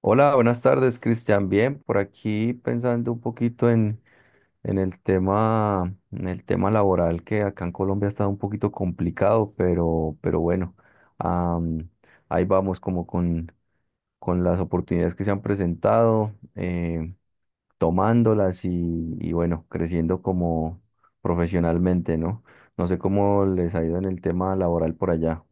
Hola, buenas tardes, Cristian. Bien, por aquí pensando un poquito en el tema, en el tema laboral que acá en Colombia ha estado un poquito complicado, pero bueno, am, ahí vamos como con las oportunidades que se han presentado, tomándolas y bueno, creciendo como profesionalmente, ¿no? No sé cómo les ha ido en el tema laboral por allá.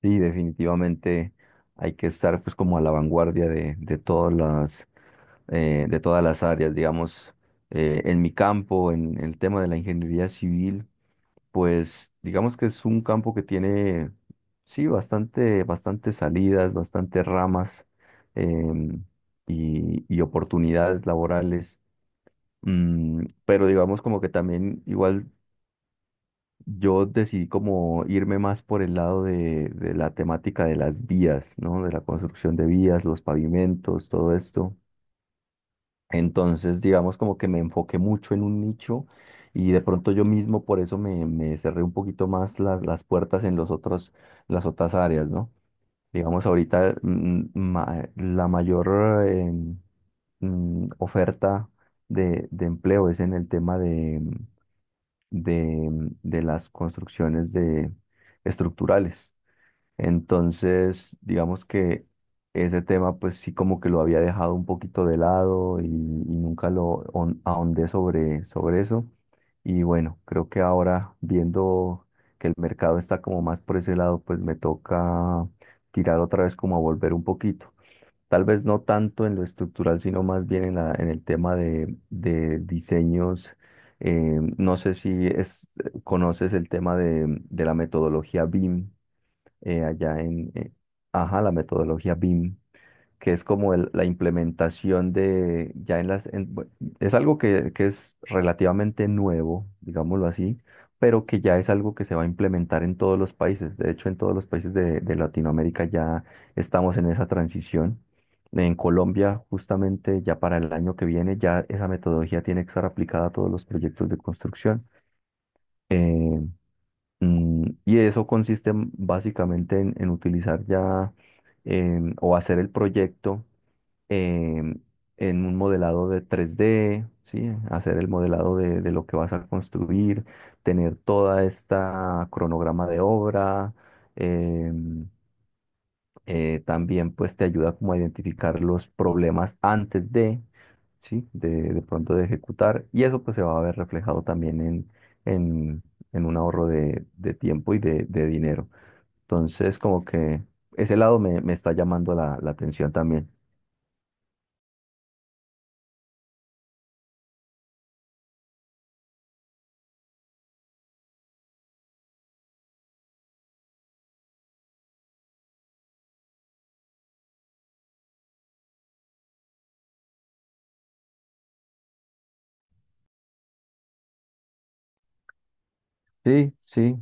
Sí, definitivamente hay que estar pues como a la vanguardia de todas las áreas, digamos, en mi campo, en, el tema de la ingeniería civil, pues digamos que es un campo que tiene sí bastante salidas, bastantes ramas, em, y oportunidades laborales. Pero digamos como que también igual yo decidí como irme más por el lado de la temática de las vías, ¿no? De la construcción de vías, los pavimentos, todo esto. Entonces, digamos como que me enfoqué mucho en un nicho y de pronto yo mismo por eso me, me cerré un poquito más las puertas en los otros, las otras áreas, ¿no? Digamos ahorita, la mayor eh, oferta de empleo es en el tema de, de las construcciones de, estructurales. Entonces, digamos que ese tema, pues sí como que lo había dejado un poquito de lado y nunca lo ahondé sobre, sobre eso. Y bueno, creo que ahora viendo que el mercado está como más por ese lado, pues me toca tirar otra vez como a volver un poquito. Tal vez no tanto en lo estructural, sino más bien en la, en el tema de diseños. No sé si es, conoces el tema de la metodología BIM, allá en... ajá, la metodología BIM, que es como la implementación de, ya en las, es algo que es relativamente nuevo, digámoslo así, pero que ya es algo que se va a implementar en todos los países. De hecho, en todos los países de Latinoamérica ya estamos en esa transición. En Colombia, justamente ya para el año que viene, ya esa metodología tiene que estar aplicada a todos los proyectos de construcción. Eh, y eso consiste, básicamente en utilizar ya, o hacer el proyecto, em, en un modelado de 3D, ¿sí? Hacer el modelado de lo que vas a construir, tener toda esta cronograma de obra. em, También pues te ayuda como a identificar los problemas antes de, ¿sí? De pronto de ejecutar. Y eso pues se va a ver reflejado también en, en un ahorro de tiempo y de dinero. Entonces como que ese lado me, me está llamando la, la atención también. Sí, sí.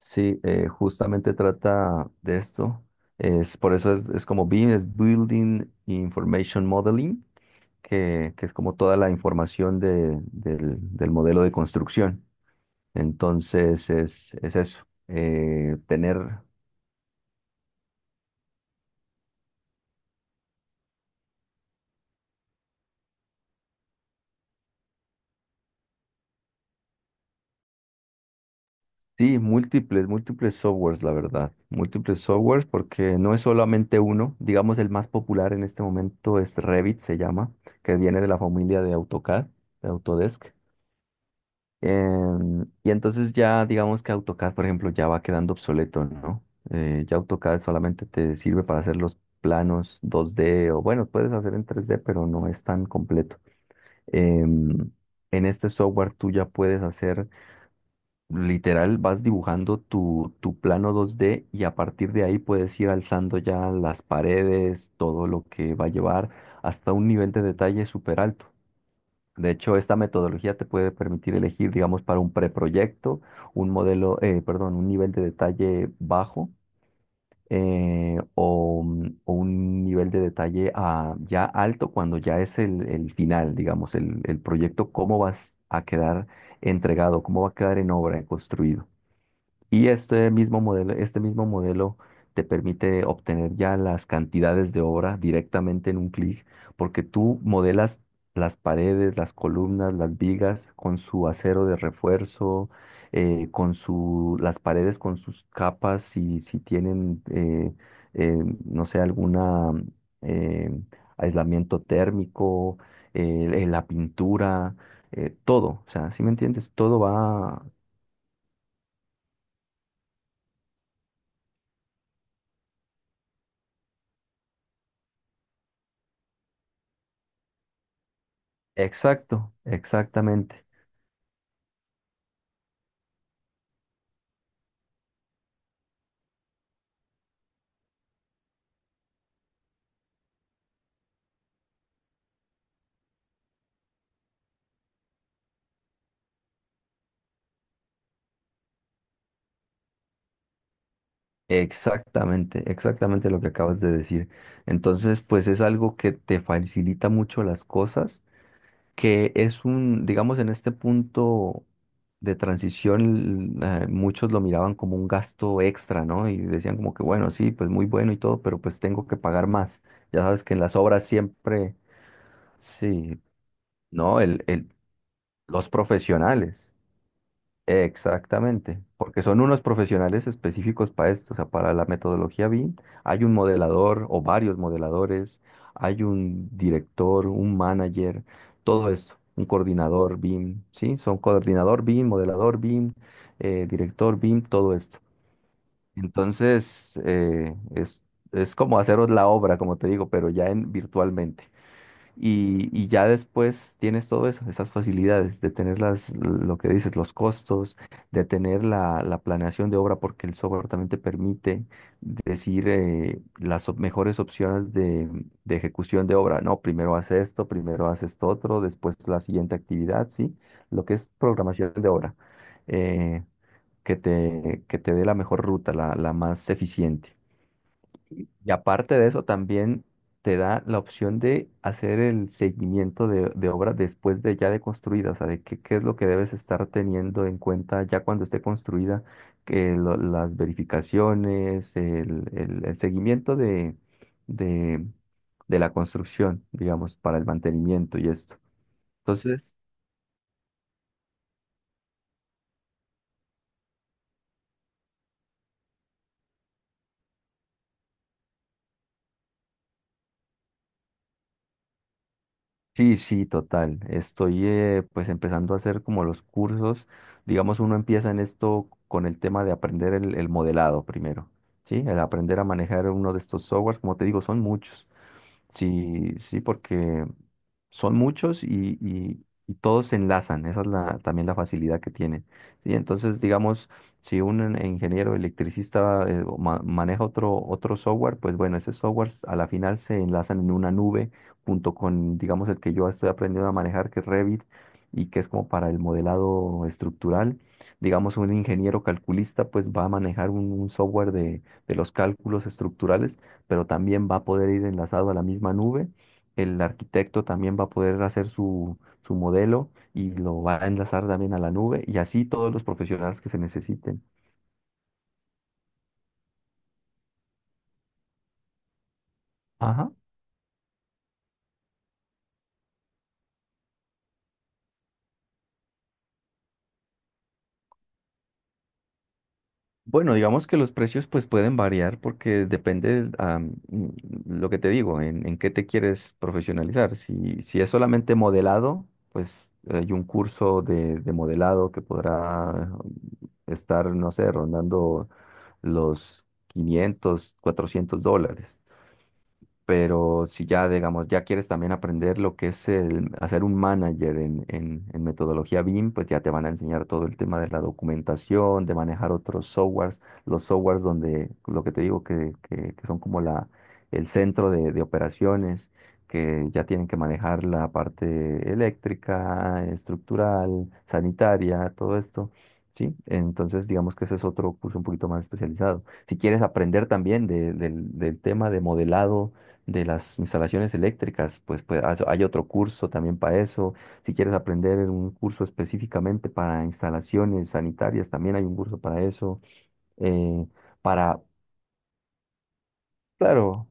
Sí, justamente trata de esto. Es, por eso es como BIM, es Building Information Modeling, que es como toda la información del, del modelo de construcción. Entonces es eso, tener, sí, múltiples, múltiples softwares, la verdad, múltiples softwares, porque no es solamente uno. Digamos, el más popular en este momento es Revit, se llama, que viene de la familia de AutoCAD, de Autodesk. Y entonces ya digamos que AutoCAD, por ejemplo, ya va quedando obsoleto, ¿no? Ya AutoCAD solamente te sirve para hacer los planos 2D o bueno, puedes hacer en 3D, pero no es tan completo. Em, en este software tú ya puedes hacer, literal, vas dibujando tu, tu plano 2D y a partir de ahí puedes ir alzando ya las paredes, todo lo que va a llevar hasta un nivel de detalle súper alto. De hecho, esta metodología te puede permitir elegir, digamos, para un preproyecto, un modelo, perdón, un nivel de detalle bajo, o un nivel de detalle, ya alto cuando ya es el final, digamos, el proyecto, cómo vas a quedar entregado, cómo va a quedar en obra, construido. Y este mismo modelo te permite obtener ya las cantidades de obra directamente en un clic, porque tú modelas las paredes, las columnas, las vigas con su acero de refuerzo, con su, las paredes con sus capas, si, si tienen, eh, no sé, alguna, eh, aislamiento térmico, la pintura, todo, o sea, ¿si me entiendes? Todo va. Exacto, exactamente, exactamente, exactamente lo que acabas de decir. Entonces, pues es algo que te facilita mucho las cosas, que es un, digamos, en este punto de transición, muchos lo miraban como un gasto extra, ¿no? Y decían como que, bueno, sí, pues muy bueno y todo, pero pues tengo que pagar más. Ya sabes que en las obras siempre, sí, ¿no? El, los profesionales. Exactamente, porque son unos profesionales específicos para esto, o sea, para la metodología BIM hay un modelador o varios modeladores, hay un director, un manager, todo esto, un coordinador BIM, ¿sí? Son coordinador BIM, modelador BIM, director BIM, todo esto. Entonces, es como haceros la obra, como te digo, pero ya en virtualmente. Y ya después tienes todo eso, esas facilidades de tener las, lo que dices, los costos, de tener la, la planeación de obra, porque el software también te permite decir, las mejores opciones de ejecución de obra. No, primero haz esto otro, después la siguiente actividad, ¿sí? Lo que es programación de obra, eh, que te dé la mejor ruta, la más eficiente. Y aparte de eso, también te da la opción de hacer el seguimiento de obra después de ya de construida, o sea, de qué, qué es lo que debes estar teniendo en cuenta ya cuando esté construida, que las verificaciones, el, el seguimiento de, de la construcción, digamos, para el mantenimiento y esto. Entonces, sí, sí, total. Estoy, pues empezando a hacer como los cursos. Digamos, uno empieza en esto con el tema de aprender el modelado primero, ¿sí? El aprender a manejar uno de estos softwares, como te digo, son muchos. Sí, sí, porque son muchos y, y todos se enlazan. Esa es la, también la facilidad que tiene. ¿Sí? Entonces, digamos, si un ingeniero electricista, o maneja otro, otro software, pues bueno, ese software a la final se enlazan en una nube junto con, digamos, el que yo estoy aprendiendo a manejar, que es Revit, y que es como para el modelado estructural. Digamos, un ingeniero calculista, pues va a manejar un software de los cálculos estructurales pero también va a poder ir enlazado a la misma nube. El arquitecto también va a poder hacer su, su modelo y lo va a enlazar también a la nube y así todos los profesionales que se necesiten. Ajá. Bueno, digamos que los precios pues pueden variar porque depende, lo que te digo, en qué te quieres profesionalizar. Si, si es solamente modelado, pues hay un curso de modelado que podrá estar, no sé, rondando los 500 $400. Pero si ya, digamos, ya quieres también aprender lo que es el hacer un manager en metodología BIM, pues ya te van a enseñar todo el tema de la documentación, de manejar otros softwares, los softwares donde, lo que te digo, que son como la, el centro de operaciones, que ya tienen que manejar la parte eléctrica, estructural, sanitaria, todo esto. Sí, entonces digamos que ese es otro curso un poquito más especializado. Si quieres aprender también del del tema de modelado de las instalaciones eléctricas, pues, pues hay hay otro curso también para eso. Si quieres aprender un curso específicamente para instalaciones sanitarias, también hay un curso para eso. Eh, para, claro,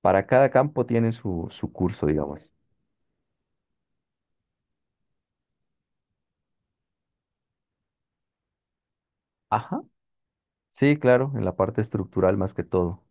para cada campo tiene su, su curso, digamos. Ajá. Sí, claro, en la parte estructural más que todo.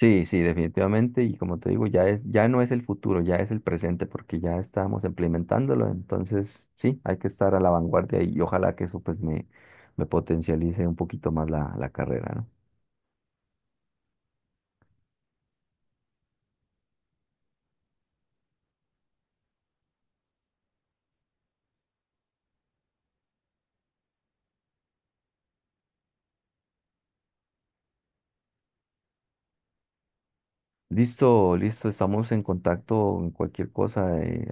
Sí, sí, definitivamente. Y como te digo, ya es, ya no es el futuro, ya es el presente, porque ya estamos implementándolo. Entonces, sí, hay que estar a la vanguardia y ojalá que eso pues me potencialice un poquito más la, la carrera, ¿no? Listo, listo, estamos en contacto en cualquier cosa.